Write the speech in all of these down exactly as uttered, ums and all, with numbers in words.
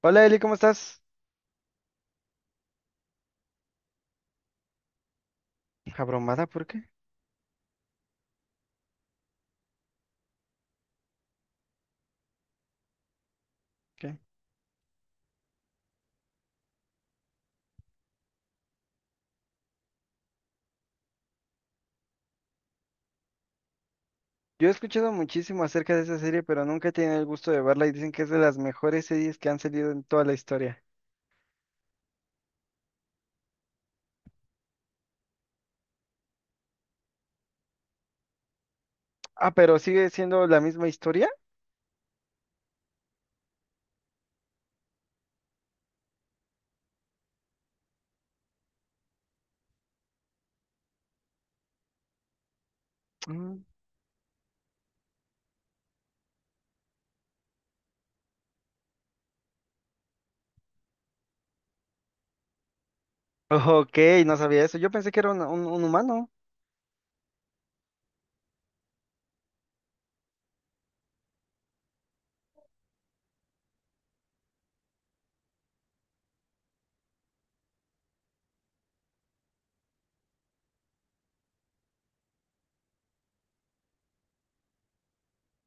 Hola Eli, ¿cómo estás? ¿Abrumada por qué? ¿Qué? Yo he escuchado muchísimo acerca de esa serie, pero nunca he tenido el gusto de verla y dicen que es de las mejores series que han salido en toda la historia. Ah, pero sigue siendo la misma historia. Mm. Ok, no sabía eso. Yo pensé que era un, un- un humano.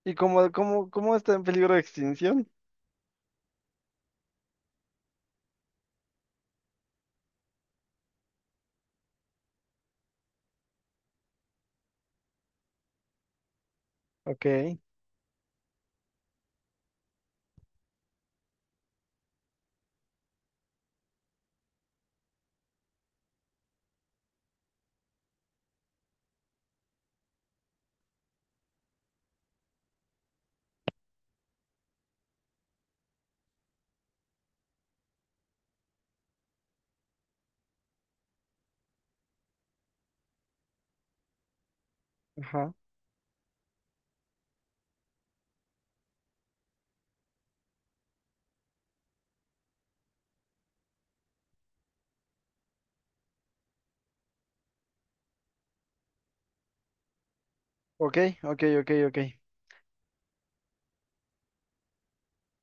¿Y cómo, cómo, cómo está en peligro de extinción? Ok, ajá. Ok, ok, ok, ok.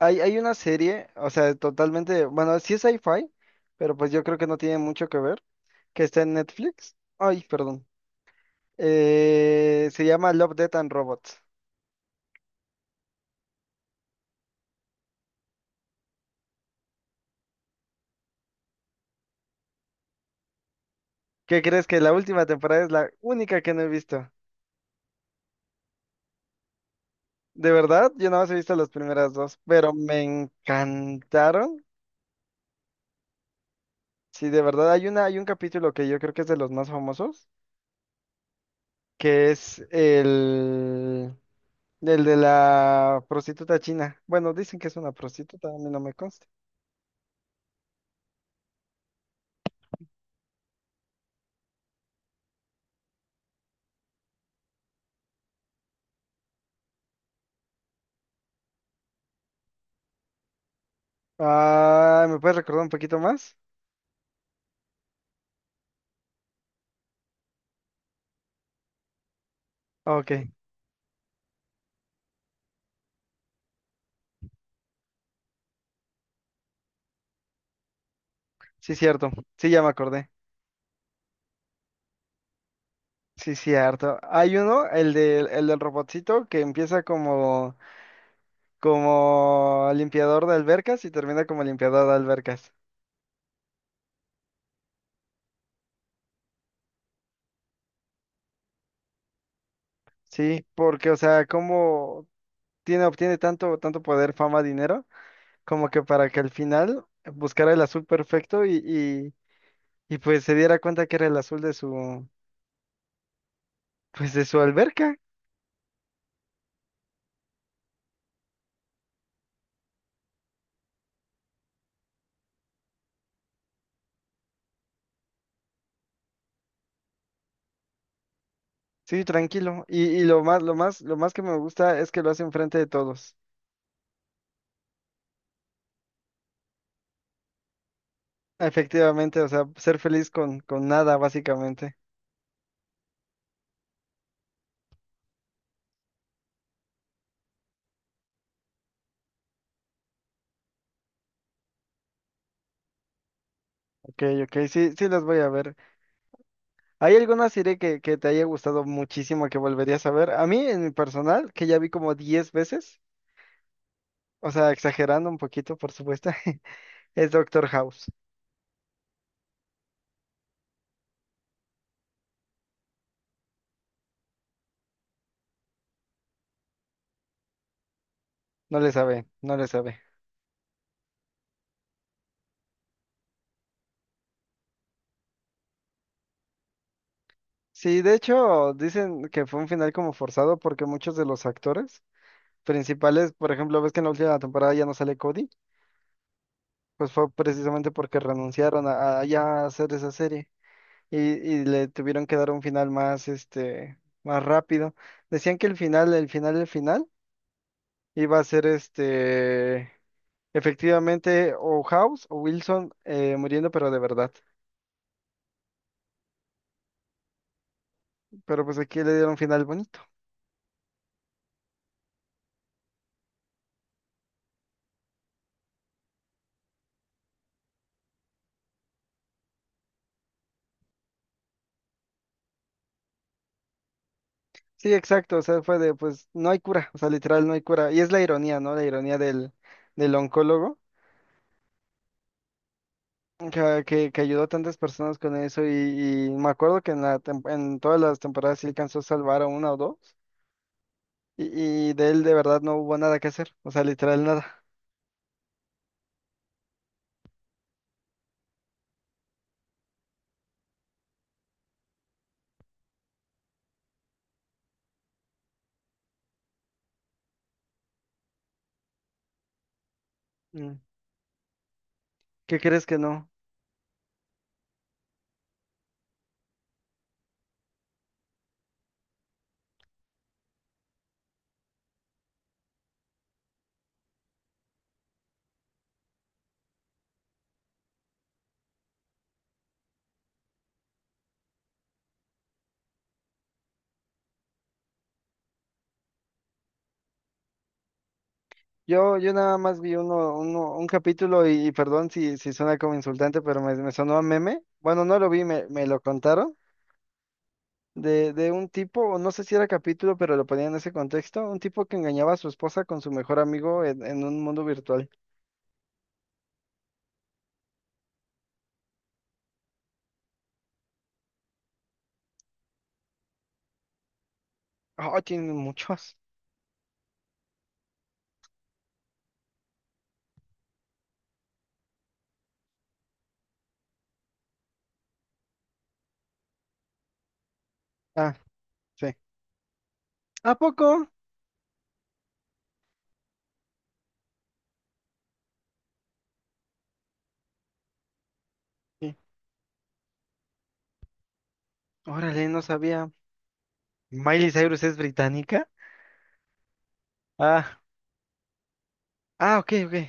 Hay, hay una serie, o sea, totalmente, bueno, sí es sci-fi, pero pues yo creo que no tiene mucho que ver, que está en Netflix. Ay, perdón. Eh, se llama Love, Death and Robots. ¿Qué crees que la última temporada es la única que no he visto? De verdad, yo nada más he visto las primeras dos, pero me encantaron. Sí, de verdad, hay una, hay un capítulo que yo creo que es de los más famosos, que es el, el de la prostituta china. Bueno, dicen que es una prostituta, a mí no me consta. Ah, ¿me puedes recordar un poquito más? Ok, sí, cierto, sí, ya me acordé. Sí, cierto. Hay uno, el del, el del robotcito, que empieza como, como limpiador de albercas y termina como limpiador de albercas. Sí, porque, o sea, cómo tiene, obtiene tanto, tanto poder, fama, dinero, como que para que al final buscara el azul perfecto y, y, y pues se diera cuenta que era el azul de su, pues de su alberca. Sí, tranquilo. Y, y lo más, lo más, lo más que me gusta es que lo hace enfrente de todos. Efectivamente, o sea, ser feliz con, con nada, básicamente. Ok, ok, sí, sí las voy a ver. ¿Hay alguna serie que, que te haya gustado muchísimo que volverías a ver? A mí, en mi personal, que ya vi como diez veces, o sea, exagerando un poquito, por supuesto, es Doctor House. No le sabe, no le sabe. Sí, de hecho, dicen que fue un final como forzado porque muchos de los actores principales, por ejemplo, ves que en la última temporada ya no sale Cody, pues fue precisamente porque renunciaron a, a ya hacer esa serie. Y, y le tuvieron que dar un final más, este, más rápido. Decían que el final, el final, el final iba a ser este, efectivamente, o House o Wilson eh, muriendo, pero de verdad. Pero pues aquí le dieron final bonito. Sí, exacto, o sea, fue de, pues no hay cura, o sea, literal no hay cura. Y es la ironía, ¿no? La ironía del, del oncólogo. Que, que, que ayudó a tantas personas con eso y, y me acuerdo que en la tem- en todas las temporadas sí alcanzó a salvar a una o dos. Y, y de él de verdad no hubo nada que hacer, o sea, literal nada. Mm. ¿Qué crees que no? Yo, yo nada más vi uno, uno, un capítulo y, y perdón si, si suena como insultante, pero me, me sonó a meme. Bueno, no lo vi, me, me lo contaron. De, de un tipo, o no sé si era capítulo, pero lo ponían en ese contexto, un tipo que engañaba a su esposa con su mejor amigo en, en un mundo virtual. Oh, tienen muchos. Ah, sí. ¿A poco? Sí. Órale, no sabía. ¿Miley Cyrus es británica? Ah, ah, ok, ok.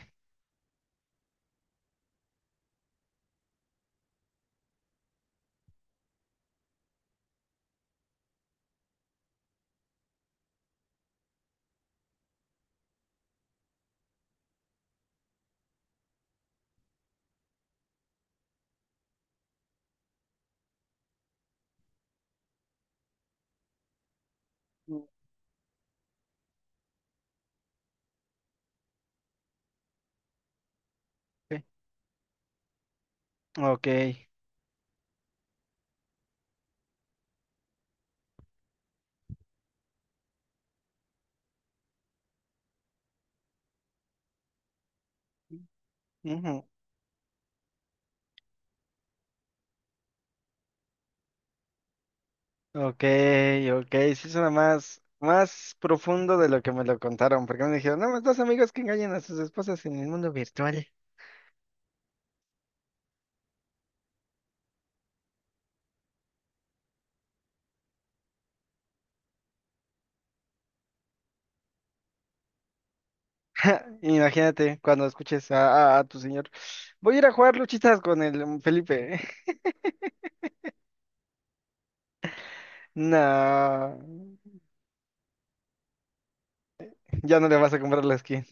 Mm, ok. Ok, ujú, ok, ok, sí suena más, más profundo de lo que me lo contaron, porque me dijeron, no, más dos amigos que engañan a sus esposas en el mundo virtual. Imagínate cuando escuches a, a- a tu señor, voy a ir a jugar luchitas con el mm, Felipe. No, ya no le vas a comprar la skin.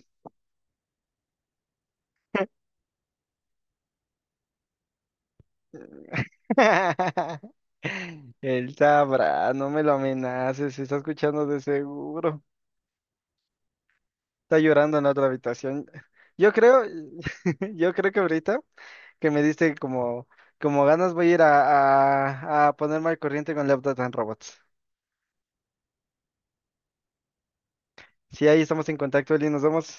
Él sabrá, no me lo amenaces, se está escuchando de seguro. Está llorando en la otra habitación. Yo creo, yo creo que ahorita. Que me diste como, como ganas, voy a ir a, a, a ponerme al corriente con Love, Death and Robots. Sí, ahí estamos en contacto, Eli, nos vemos.